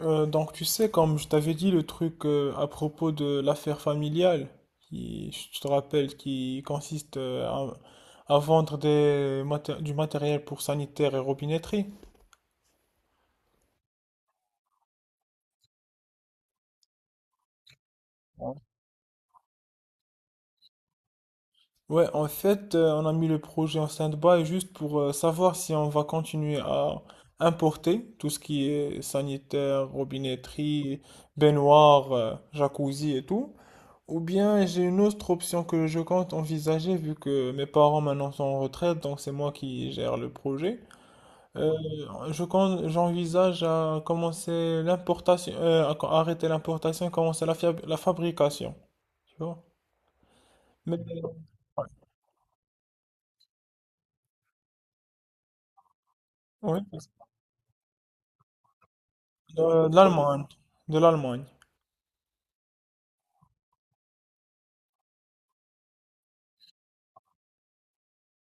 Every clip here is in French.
Donc tu sais, comme je t'avais dit le truc à propos de l'affaire familiale, qui, je te rappelle, qui consiste à vendre des du matériel pour sanitaire et robinetterie. Ouais, en fait, on a mis le projet en stand-by juste pour savoir si on va continuer à importer tout ce qui est sanitaire, robinetterie, baignoire, jacuzzi et tout, ou bien j'ai une autre option que je compte envisager vu que mes parents maintenant sont en retraite, donc c'est moi qui gère le projet. Euh, j'envisage à commencer l'importation, arrêter l'importation et commencer la fabrication. Tu vois? Mais oui, de l'Allemagne, de l'Allemagne.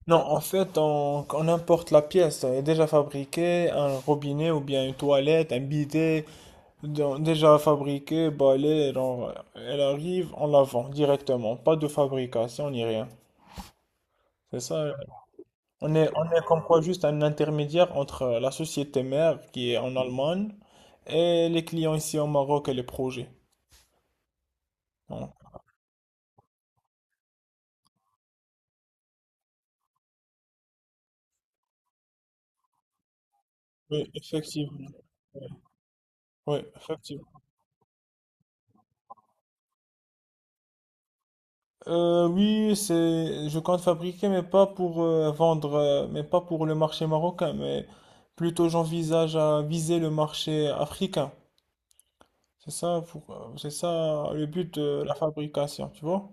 Non, en fait, on importe la pièce. Elle est déjà fabriquée, un robinet ou bien une toilette, un bidet. Donc déjà fabriquée, balayée, genre, elle arrive, on la vend directement. Pas de fabrication ni rien. C'est ça. On est comme quoi juste un intermédiaire entre la société mère qui est en Allemagne et les clients ici au Maroc et les projets. Donc, oui, effectivement. Oui, effectivement. Oui, je compte fabriquer, mais pas pour mais pas pour le marché marocain, mais plutôt j'envisage à viser le marché africain. C'est ça, c'est ça le but de la fabrication, tu vois?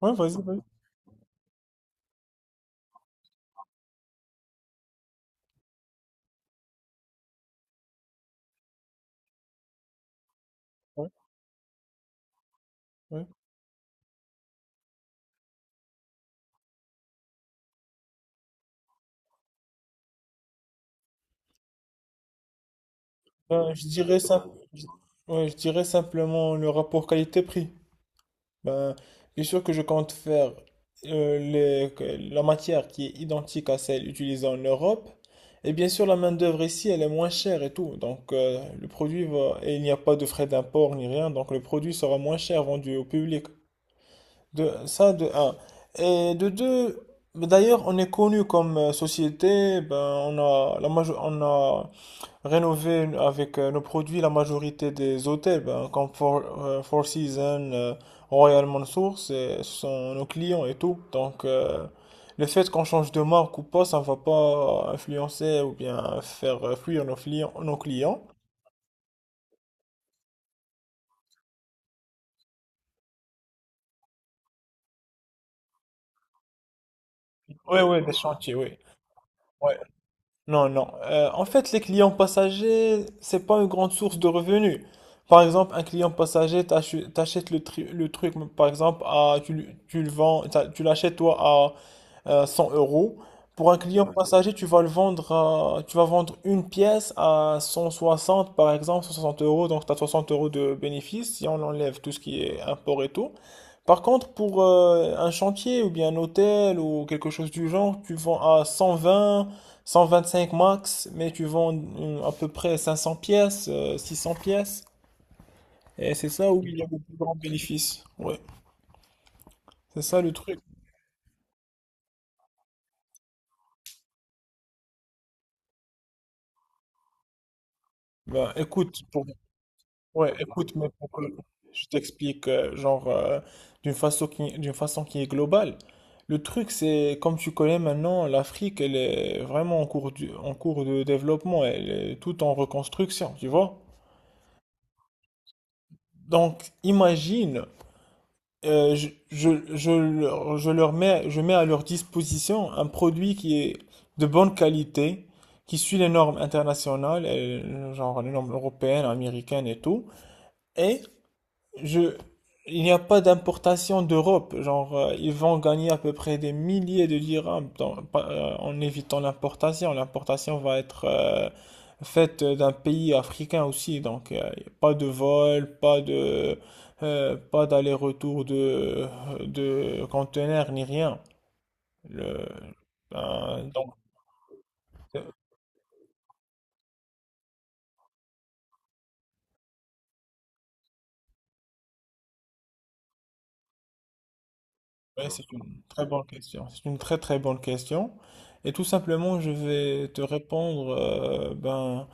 Ouais, vas-y, vas-y. Ouais, ouais. Ben, je dirais ça. Je, ouais, je dirais simplement le rapport qualité-prix. Ben, bien sûr que je compte faire euh, les- que- la matière qui est identique à celle utilisée en Europe. Et bien sûr, la main-d'œuvre ici, elle est moins chère et tout. Donc, le produit va. Et il n'y a pas de frais d'import ni rien. Donc, le produit sera moins cher vendu au public. De, ça, de un. Et de deux, bah, d'ailleurs, on est connu comme société. Ben, on a rénové avec nos produits la majorité des hôtels, ben, comme Four Seasons, Royal Mansour, ce sont nos clients et tout. Donc, le fait qu'on change de marque ou pas, ça ne va pas influencer ou bien faire fuir nos clients. Oui, oui, des chantiers, oui. Ouais. Non, non. En fait, les clients passagers, c'est pas une grande source de revenus. Par exemple, un client passager, t'achètes le truc, par exemple, tu le vends, tu l'achètes toi 100 euros. Pour un client, ouais, passager, tu vas le vendre tu vas vendre une pièce à 160 par exemple, 160 euros, donc tu as 60 € de bénéfice si on enlève tout ce qui est import et tout. Par contre, pour un chantier ou bien un hôtel ou quelque chose du genre, tu vends à 120, 125 max, mais tu vends à peu près 500 pièces, 600 pièces, et c'est ça où il y a le plus grand bénéfice. Ouais, c'est ça le truc. Bah, écoute, pour ouais, écoute, je t'explique, d'une façon qui est globale. Le truc, c'est, comme tu connais maintenant, l'Afrique, elle est vraiment en cours en cours de développement, elle est tout en reconstruction, tu vois? Donc, imagine, je leur mets, je mets à leur disposition un produit qui est de bonne qualité, qui suit les normes internationales, et genre les normes européennes, américaines et tout. Et Je, il n'y a pas d'importation d'Europe. Genre, ils vont gagner à peu près des milliers de dirhams en évitant l'importation. L'importation va être faite d'un pays africain aussi. Donc, y a pas de vol, pas d'aller-retour de conteneurs, ni rien. Le, ben, donc, euh, ouais, c'est une très bonne question. C'est une très très bonne question. Et tout simplement, je vais te répondre, euh, ben.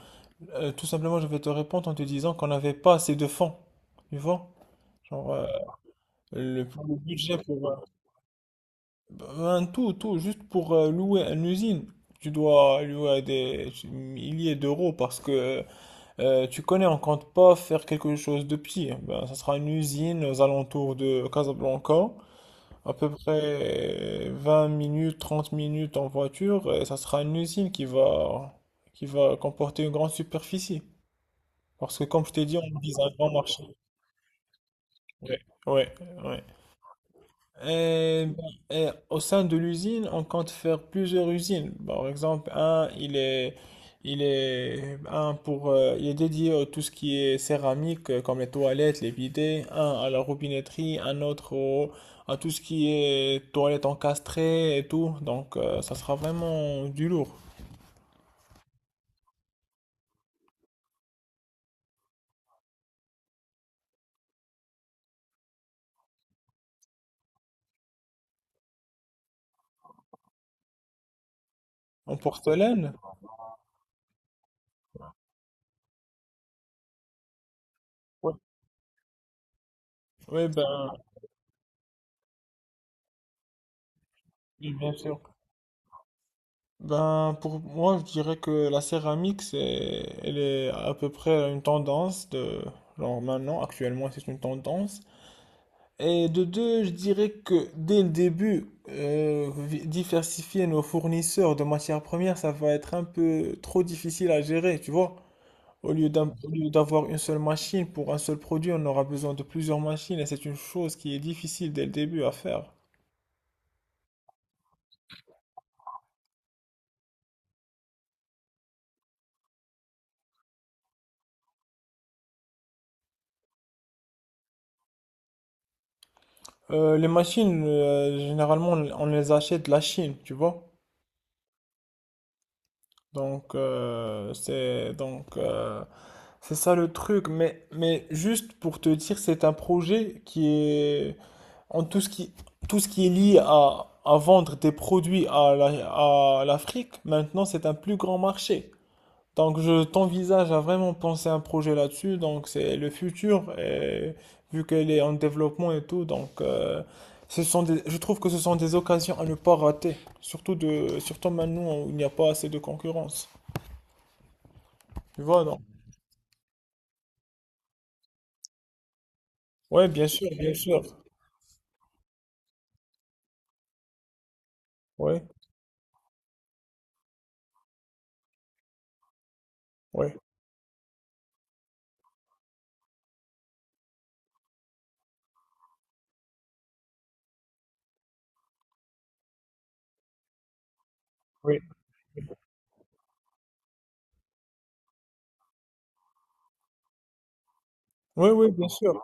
Euh, tout simplement, je vais te répondre en te disant qu'on n'avait pas assez de fonds. Tu vois? Genre, euh, pour le budget pour juste pour louer une usine, tu dois louer des milliers d'euros parce que tu connais, on compte pas faire quelque chose de pire. Ben, ça sera une usine aux alentours de Casablanca, à peu près 20 minutes, 30 minutes en voiture, et ça sera une usine qui qui va comporter une grande superficie. Parce que comme je t'ai dit, on vise un grand marché. Ouais, ouais, ouais. Euh, et au sein de l'usine, on compte faire plusieurs usines. Par exemple, un pour, il est dédié à tout ce qui est céramique, comme les toilettes, les bidets. Un à la robinetterie, un autre à tout ce qui est toilettes encastrées et tout. Donc, ça sera vraiment du lourd. En porcelaine? Oui, ben, oui, bien sûr. Ben, pour moi, je dirais que la céramique, elle est à peu près une tendance de, genre maintenant, actuellement, c'est une tendance. Et de deux, je dirais que dès le début, diversifier nos fournisseurs de matières premières, ça va être un peu trop difficile à gérer, tu vois. Au lieu d'avoir une seule machine pour un seul produit, on aura besoin de plusieurs machines et c'est une chose qui est difficile dès le début à faire. Les machines, généralement, on les achète de la Chine, tu vois. Donc euh, c'est donc euh, c'est ça le truc, mais juste pour te dire c'est un projet qui est en tout ce qui est lié à vendre des produits à l'Afrique maintenant, c'est un plus grand marché. Donc je t'envisage à vraiment penser un projet là-dessus, donc c'est le futur et vu qu'elle est en développement et tout, donc ce sont des, je trouve que ce sont des occasions à ne pas rater, surtout de surtout maintenant où il n'y a pas assez de concurrence. Tu vois, non? Ouais, bien sûr, bien sûr. Ouais, ouais, oui. Oui, oui, bien sûr.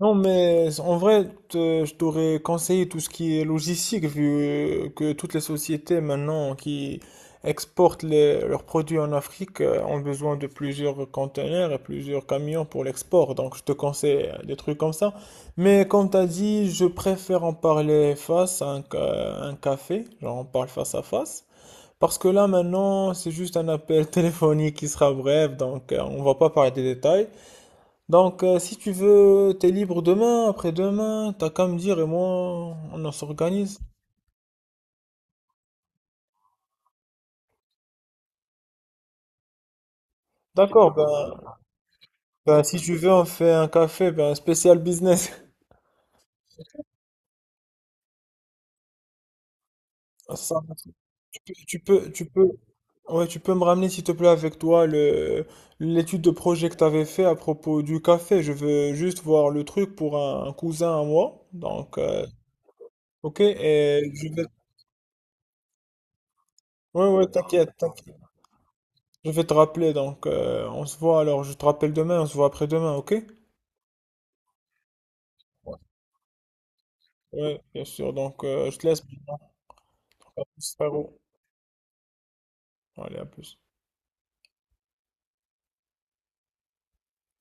Non, mais en vrai, je t'aurais conseillé tout ce qui est logistique, vu que toutes les sociétés maintenant qui exportent leurs produits en Afrique ont besoin de plusieurs conteneurs et plusieurs camions pour l'export. Donc, je te conseille des trucs comme ça. Mais comme tu as dit, je préfère en parler face à un café, genre on parle face à face. Parce que là, maintenant, c'est juste un appel téléphonique qui sera bref, donc on va pas parler des détails. Donc, si tu veux, t'es libre demain, après-demain, t'as qu'à me dire et moi, on en s'organise. D'accord, ben, si tu veux, on fait un café, ben, spécial business. Ça, tu peux, ouais, tu peux me ramener, s'il te plaît, avec toi, l'étude de projet que t'avais fait à propos du café. Je veux juste voir le truc pour un cousin à moi. Donc, ok, et je vais ouais, ouais, t'inquiète, t'inquiète. Je vais te rappeler, donc on se voit alors, je te rappelle demain, on se voit après-demain, ok? Ouais, bien sûr, donc je te laisse maintenant. À plus, frérot. Allez, à plus.